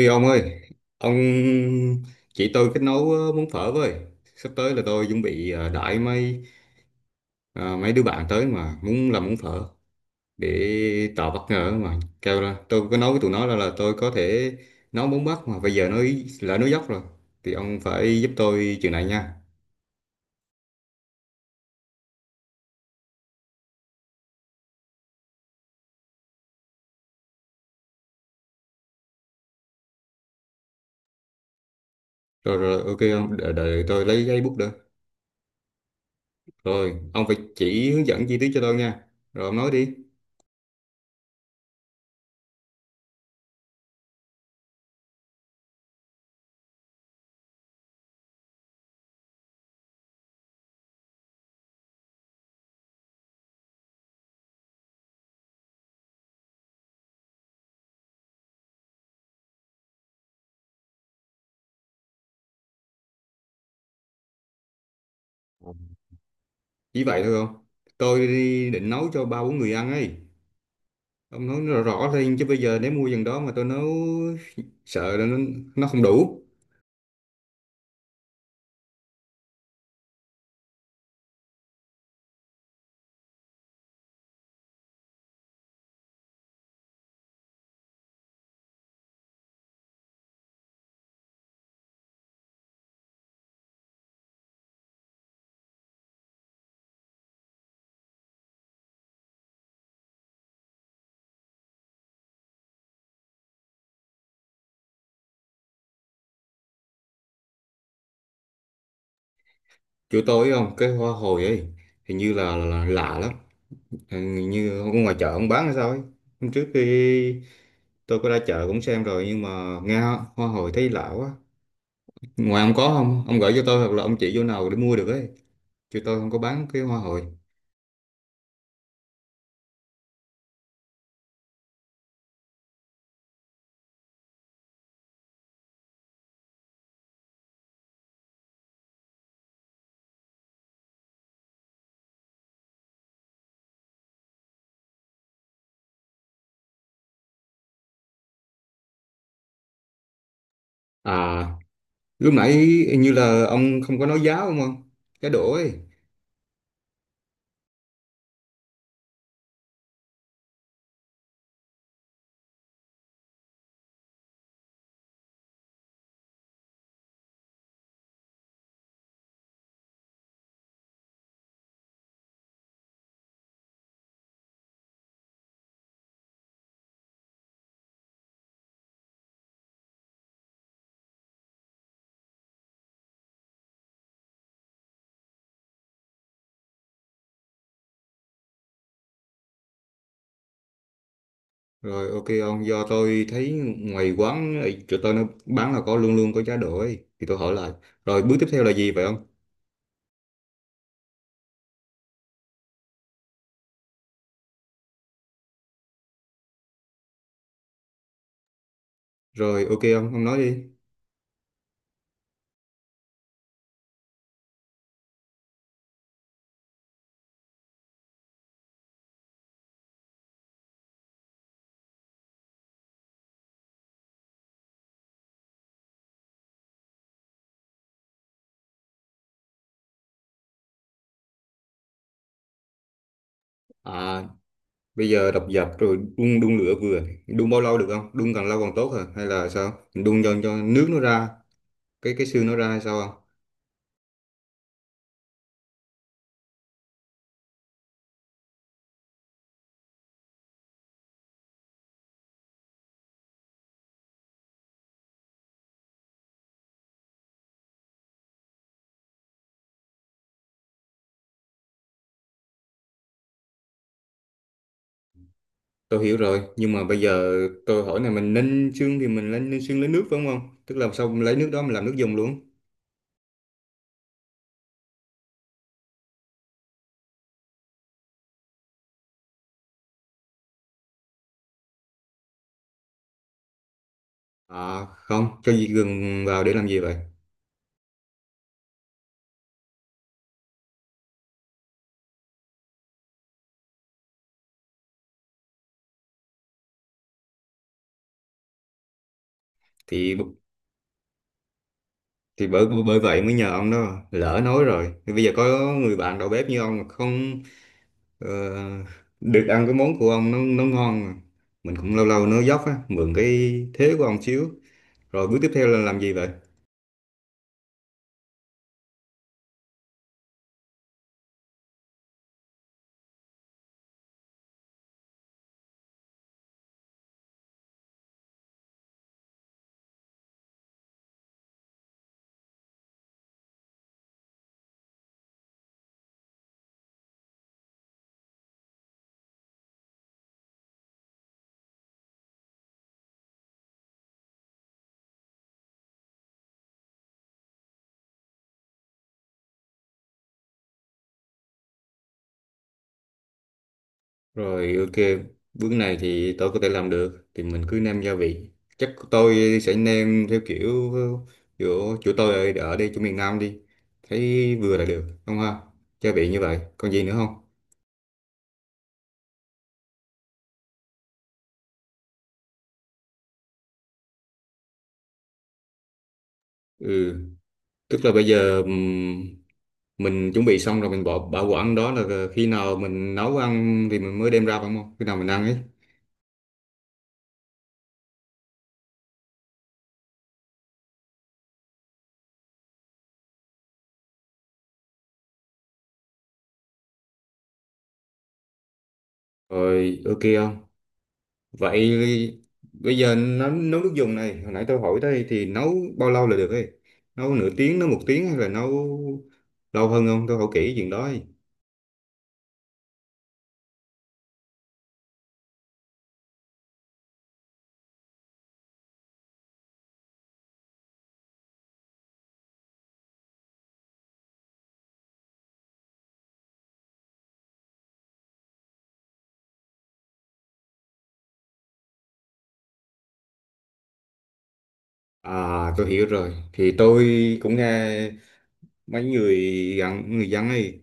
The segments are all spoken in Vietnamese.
Ê ông ơi, ông chỉ tôi cách nấu món phở với. Sắp tới là tôi chuẩn bị đãi mấy ờ, mấy đứa bạn tới mà muốn làm món phở để tạo bất ngờ mà. Kêu là tôi có nói với tụi nó là tôi có thể nấu món Bắc mà bây giờ nó lỡ nó dốc rồi. Thì ông phải giúp tôi chuyện này nha. Rồi rồi, ok ông, đợi tôi lấy giấy bút nữa. Rồi ông phải chỉ hướng dẫn chi tiết cho tôi nha. Rồi ông nói đi. Chỉ vậy thôi không? Tôi đi định nấu cho ba bốn người ăn ấy. Ông nói rõ rõ lên chứ bây giờ nếu mua dần đó mà tôi nấu sợ là nó không đủ. Chỗ tôi không, cái hoa hồi ấy hình như là lạ lắm. Hình như ở ngoài chợ ông bán hay sao ấy. Hôm trước khi tôi có ra chợ cũng xem rồi nhưng mà nghe hoa hồi thấy lạ quá. Ngoài ông có không? Ông gửi cho tôi hoặc là ông chỉ chỗ nào để mua được ấy. Chỗ tôi không có bán cái hoa hồi. À, lúc nãy hình như là ông không có nói giá đúng không? Cái đổ ấy. Rồi ok ông, do tôi thấy ngoài quán ấy, chỗ tôi nó bán là có luôn luôn có giá đỗ ấy. Thì tôi hỏi lại. Rồi bước tiếp theo là gì vậy ông? Rồi ok ông, nói đi. À, bây giờ đập dập rồi đun đun lửa vừa. Đun bao lâu được không? Đun càng lâu càng tốt hả? Hay là sao? Mình đun cho nước nó ra, cái xương nó ra hay sao không? Tôi hiểu rồi, nhưng mà bây giờ tôi hỏi này, mình ninh xương thì mình lên ninh xương lấy nước phải không ông? Tức là xong lấy nước đó mình làm nước dùng luôn. À không, cho gì gừng vào để làm gì vậy? thì thì bởi bởi vậy mới nhờ ông đó, lỡ nói rồi thì bây giờ có người bạn đầu bếp như ông mà không ờ, được ăn cái món của ông nó ngon mà. Mình cũng lâu lâu nói dốc á, mượn cái thế của ông xíu. Rồi bước tiếp theo là làm gì vậy? Rồi ok, bước này thì tôi có thể làm được, thì mình cứ nêm gia vị, chắc tôi sẽ nêm theo kiểu chỗ chỗ tôi ở đây, chỗ miền Nam đi, thấy vừa là được không ha? Gia vị như vậy còn gì nữa không? Ừ, tức là bây giờ mình chuẩn bị xong rồi mình bỏ bảo quản đó là khi nào mình nấu ăn thì mình mới đem ra phải không, khi nào mình ăn ấy. Rồi ok không, vậy bây giờ nấu, nước dùng này, hồi nãy tôi hỏi đây thì nấu bao lâu là được ấy? Nấu nửa tiếng, nấu một tiếng hay là nấu lâu hơn không? Tôi hỏi kỹ chuyện đó ấy. À, tôi hiểu rồi, thì tôi cũng nghe mấy người gặn người dân ấy,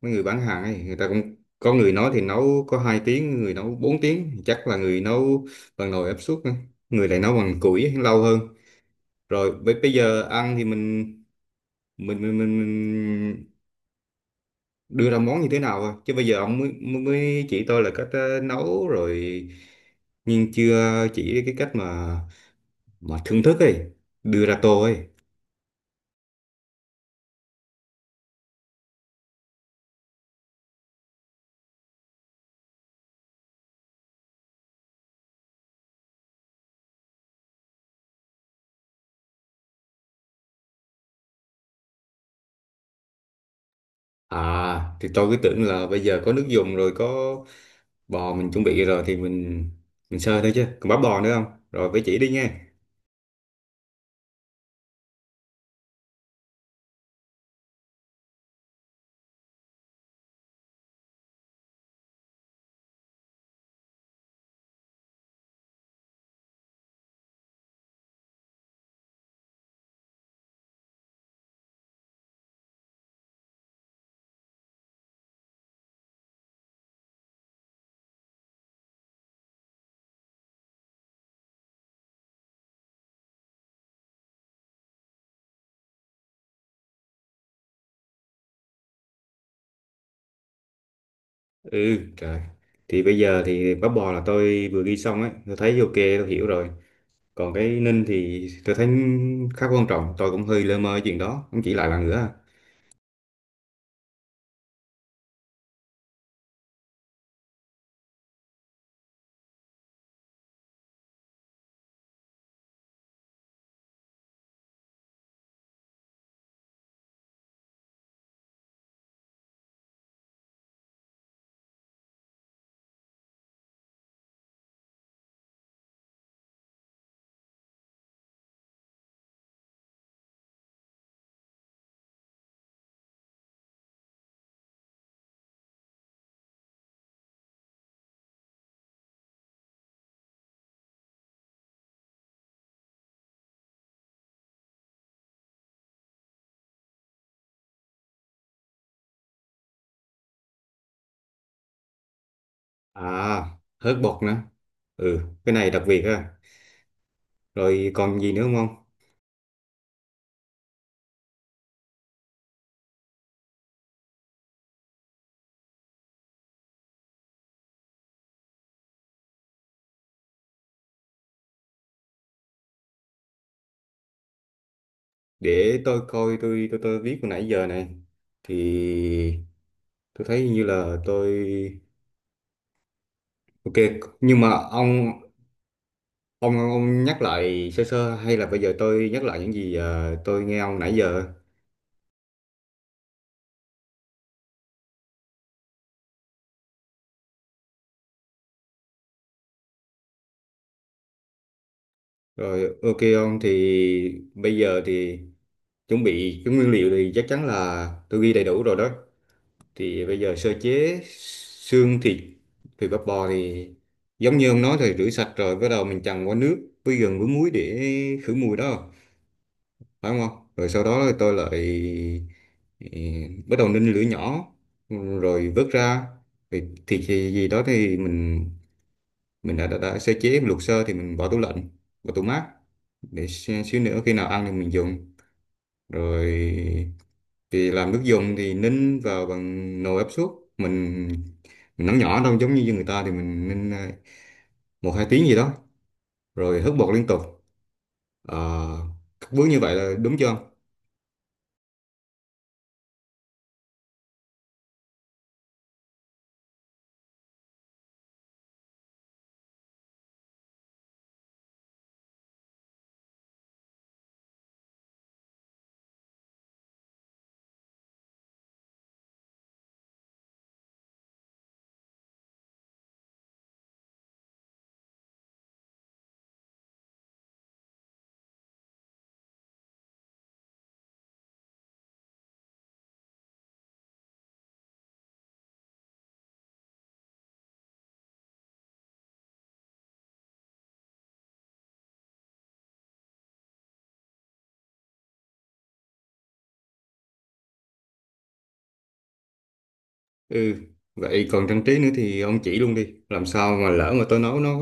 mấy người bán hàng ấy, người ta cũng có người nói thì nấu có 2 tiếng, người nấu 4 tiếng, chắc là người nấu bằng nồi áp suất á. Người lại nấu bằng củi ấy, lâu hơn. Rồi bây bây giờ ăn thì mình đưa ra món như thế nào thôi, chứ bây giờ ông mới mới mới chỉ tôi là cách nấu rồi, nhưng chưa chỉ cái cách mà thưởng thức ấy, đưa ra tô ấy. À thì tôi cứ tưởng là bây giờ có nước dùng rồi, có bò mình chuẩn bị rồi thì mình sơ thôi, chứ còn bắp bò nữa không? Rồi phải chỉ đi nha. Ừ trời, thì bây giờ thì bắp bò là tôi vừa ghi xong ấy, tôi thấy ok, tôi hiểu rồi. Còn cái ninh thì tôi thấy khá quan trọng, tôi cũng hơi lơ mơ chuyện đó, không chỉ lại bạn nữa. À, hớt bột nữa. Ừ, cái này đặc biệt ha. Rồi còn gì nữa không không? Để tôi coi tôi tôi viết hồi nãy giờ này. Thì tôi thấy như là tôi ok, nhưng mà ông nhắc lại sơ sơ, hay là bây giờ tôi nhắc lại những gì tôi nghe ông nãy giờ. Rồi ok ông, thì bây giờ thì chuẩn bị cái nguyên liệu thì chắc chắn là tôi ghi đầy đủ rồi đó. Thì bây giờ sơ chế xương thịt thịt bắp bò thì giống như ông nói, thì rửa sạch rồi bắt đầu mình chần qua nước với gừng với muối để khử mùi đó, phải không ông? Rồi sau đó tôi lại ừ, bắt đầu ninh lửa nhỏ rồi vớt ra. Thì thịt thì gì đó thì mình đã sơ chế, mình luộc sơ thì mình bỏ tủ lạnh, vào tủ mát, để xíu nữa khi nào ăn thì mình dùng. Rồi thì làm nước dùng thì ninh vào bằng nồi áp suất, mình mình nấu nhỏ đâu giống như người ta, thì mình ninh 1 2 tiếng gì đó, rồi hớt bột liên tục. Ờ, các bước như vậy là đúng chưa ông? Ừ, vậy còn trang trí nữa thì ông chỉ luôn đi, làm sao mà lỡ mà tôi nấu nó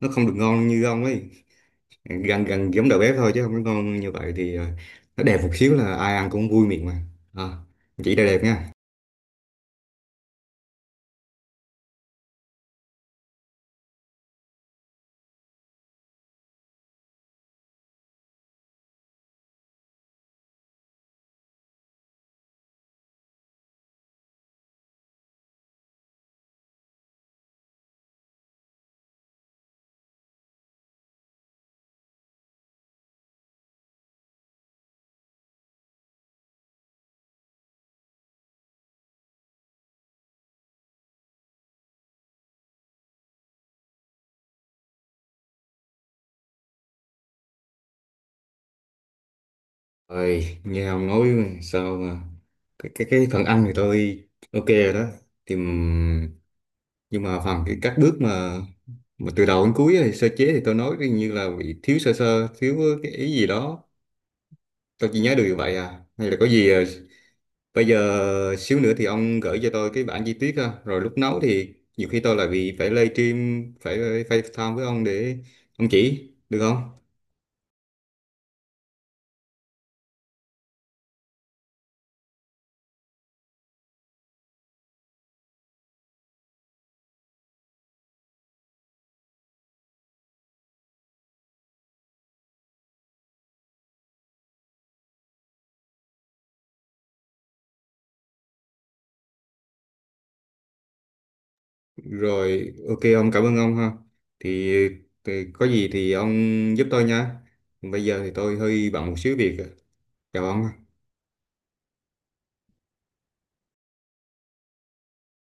nó không được ngon như ông ấy, gần gần giống đầu bếp thôi, chứ không có ngon như vậy, thì nó đẹp một xíu là ai ăn cũng vui miệng mà. À, chỉ là đẹp nha. Rồi nghe ông nói sao mà cái phần ăn thì tôi ok rồi đó. Thì nhưng mà phần cái các bước mà từ đầu đến cuối, thì sơ chế thì tôi nói như là bị thiếu sơ sơ, thiếu cái ý gì đó, tôi chỉ nhớ được như vậy à, hay là có gì bây giờ xíu nữa thì ông gửi cho tôi cái bản chi tiết ha. Rồi lúc nấu thì nhiều khi tôi lại bị phải livestream, phải phải FaceTime với ông để ông chỉ, được không? Rồi ok ông, cảm ơn ông ha. Thì, thì có gì thì ông giúp tôi nha. Bây giờ thì tôi hơi bận một xíu việc. Chào ông ha.